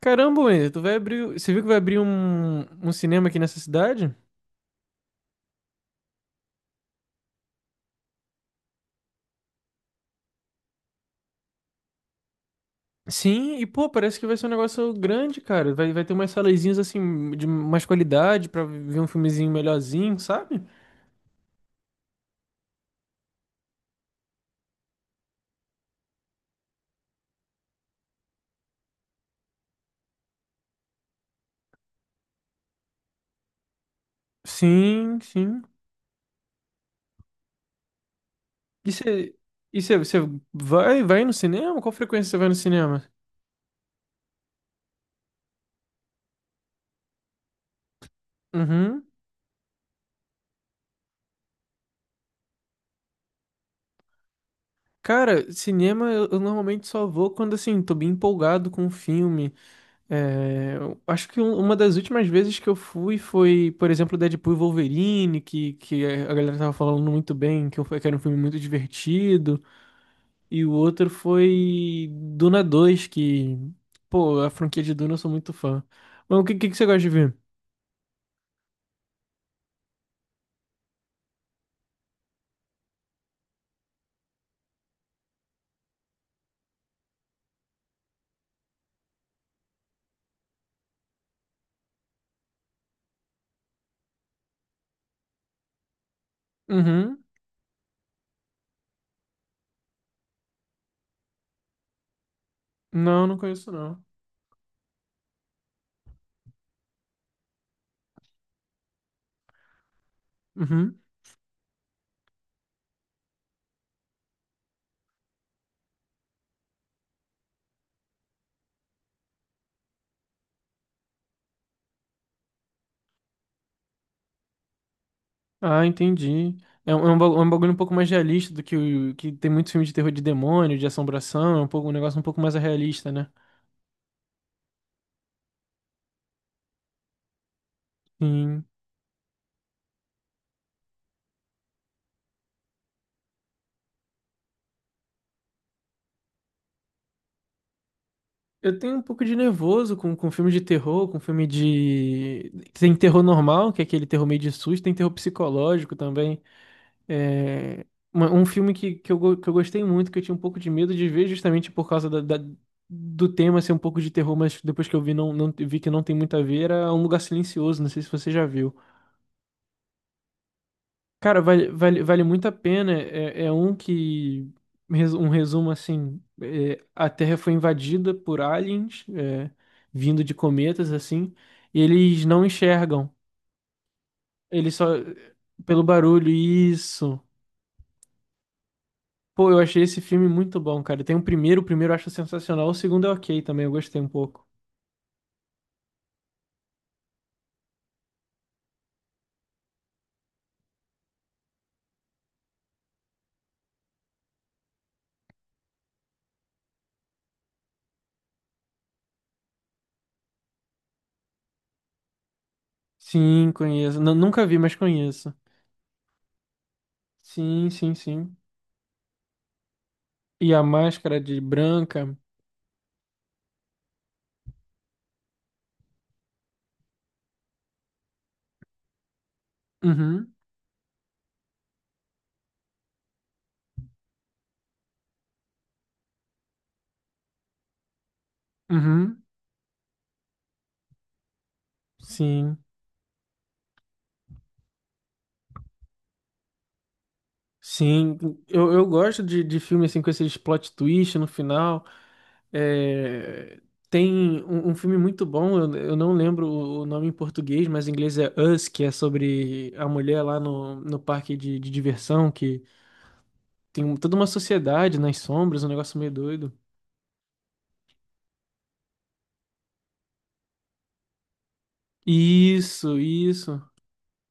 Caramba, Wendy, tu vai abrir. Você viu que vai abrir um cinema aqui nessa cidade? Sim, e pô, parece que vai ser um negócio grande, cara. Vai ter umas salezinhas assim, de mais qualidade, pra ver um filmezinho melhorzinho, sabe? Sim. E você. E você vai no cinema? Qual frequência você vai no cinema? Uhum. Cara, cinema eu normalmente só vou quando assim, tô bem empolgado com o filme. É, eu acho que uma das últimas vezes que eu fui foi, por exemplo, Deadpool e Wolverine, que a galera tava falando muito bem, que era um filme muito divertido. E o outro foi Duna dois que, pô, a franquia de Duna eu sou muito fã. Mas o que você gosta de ver? Uhum. Não, não conheço não. Uhum. Ah, entendi. É um, é um bagulho um pouco mais realista do que o que tem muitos filmes de terror de demônio, de assombração, é um pouco, um negócio um pouco mais realista, né? Sim. Eu tenho um pouco de nervoso com filme de terror, com filme de. Tem terror normal, que é aquele terror meio de susto, tem terror psicológico também. É... Um filme que, eu, que eu gostei muito, que eu tinha um pouco de medo de ver, justamente por causa do tema ser um pouco de terror, mas depois que eu vi, não, não vi que não tem muito a ver, era Um Lugar Silencioso, não sei se você já viu. Cara, vale muito a pena. É, é um que. Um resumo assim: é, a Terra foi invadida por aliens, é, vindo de cometas, assim, e eles não enxergam. Eles só. Pelo barulho, isso. Pô, eu achei esse filme muito bom, cara. Tem o primeiro eu acho sensacional, o segundo é ok também, eu gostei um pouco. Sim, conheço. Nunca vi, mas conheço. Sim, sim, sim. E a máscara de branca. Uhum, uhum, sim. Sim, eu gosto de filme assim com esses plot twist no final. É, tem um, um filme muito bom, eu não lembro o nome em português, mas em inglês é Us, que é sobre a mulher lá no, no parque de diversão, que tem toda uma sociedade nas sombras, um negócio meio doido. Isso, isso.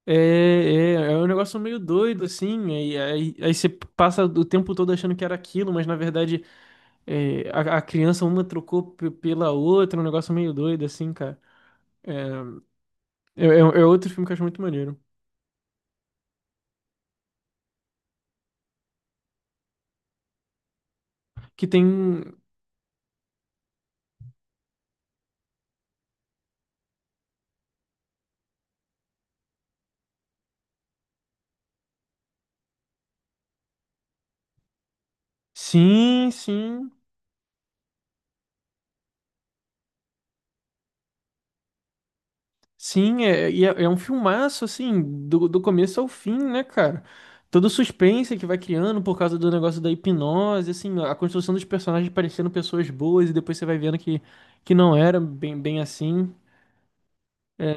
É, é, é um negócio meio doido, assim, aí você passa o tempo todo achando que era aquilo, mas na verdade. É, a criança uma trocou pela outra, é um negócio meio doido, assim, cara. É, é outro filme que eu acho muito maneiro. Que tem. Sim, sim. Sim, é, e é, é um filmaço, assim, do, do começo ao fim, né, cara? Todo o suspense que vai criando por causa do negócio da hipnose, assim, a construção dos personagens parecendo pessoas boas e depois você vai vendo que não era bem, bem assim. É,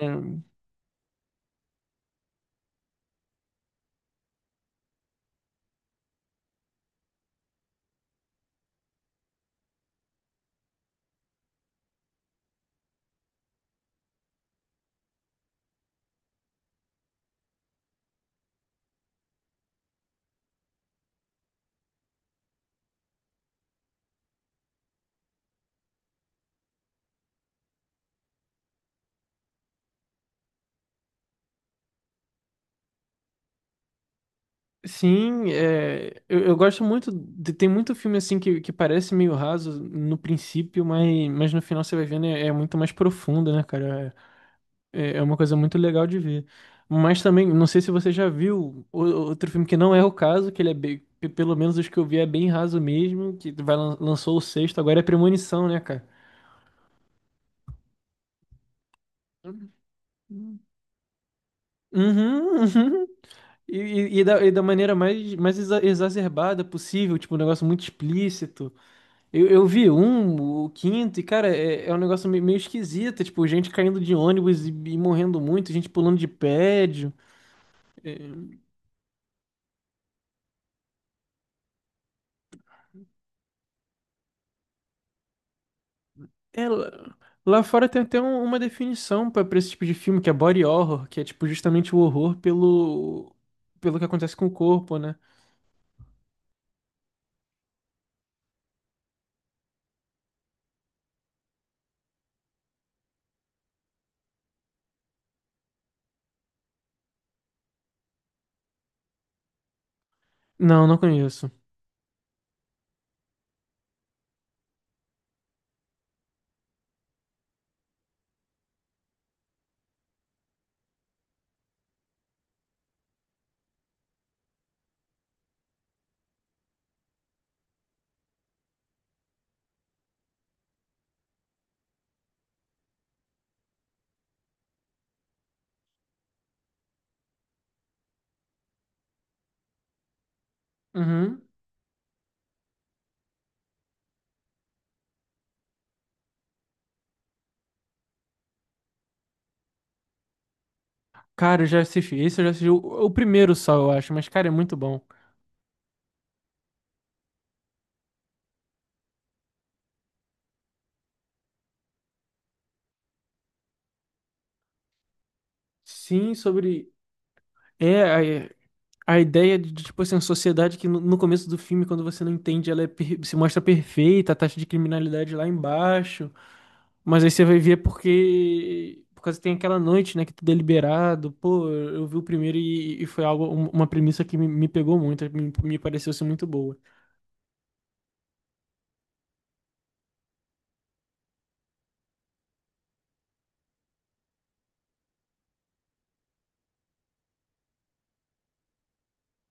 sim, é, eu gosto muito. Tem muito filme assim que parece meio raso no princípio, mas no final você vai vendo é, é muito mais profundo, né, cara? É, é é uma coisa muito legal de ver. Mas também, não sei se você já viu outro filme que não é o caso, que ele é bem, pelo menos os que eu vi é bem raso mesmo, que vai, lançou o sexto, agora é Premonição, né, cara? Uhum, uhum. E, e da maneira mais, mais exacerbada possível, tipo, um negócio muito explícito. Eu vi um, o quinto, e cara, é, é um negócio meio, meio esquisito, tipo, gente caindo de ônibus e morrendo muito, gente pulando de prédio. É, é, lá lá fora tem até uma definição pra pra esse tipo de filme, que é body horror, que é tipo justamente o horror pelo, pelo que acontece com o corpo, né? Não, não conheço. Uhum. Cara, eu já assisti. Esse eu já assisti o primeiro só, eu acho, mas cara, é muito bom. Sim, sobre. É, é, a ideia de, tipo assim, uma sociedade que no, no começo do filme, quando você não entende, ela é se mostra perfeita, a taxa de criminalidade lá embaixo. Mas aí você vai ver porque. Por causa que tem aquela noite, né, que tudo é liberado. Pô, eu vi o primeiro e foi algo, uma premissa que me pegou muito, me pareceu ser muito boa.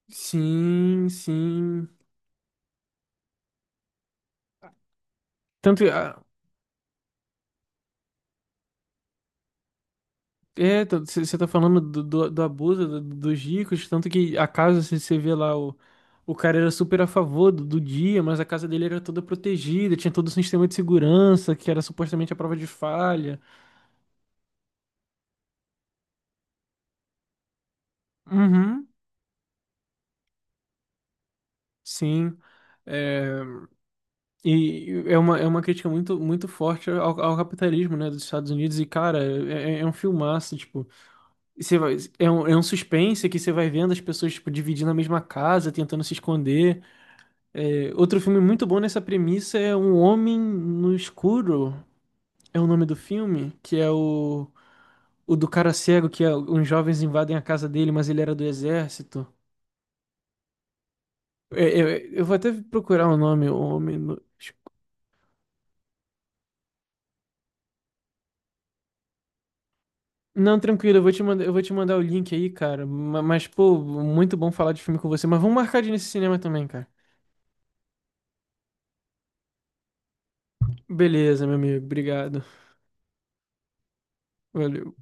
Sim, sim. Tanto, ah, é, você tá falando do abuso dos ricos, tanto que a casa, você vê lá, o cara era super a favor do, do dia, mas a casa dele era toda protegida, tinha todo o sistema de segurança, que era supostamente a prova de falha. Uhum, sim. É, e é uma crítica muito, muito forte ao, ao capitalismo, né, dos Estados Unidos, e cara, é, é é um filmaço, tipo, você vai, é um suspense que você vai vendo as pessoas, tipo, dividindo a mesma casa, tentando se esconder. É, outro filme muito bom nessa premissa é Um Homem no Escuro, é o nome do filme, que é o do cara cego, que é, uns jovens invadem a casa dele, mas ele era do exército. É, é, eu vou até procurar o nome, O Homem no Escuro. Não, tranquilo, eu vou te mandar, eu vou te mandar o link aí, cara. Mas, pô, muito bom falar de filme com você. Mas vamos marcar de ir nesse cinema também, cara. Beleza, meu amigo, obrigado. Valeu.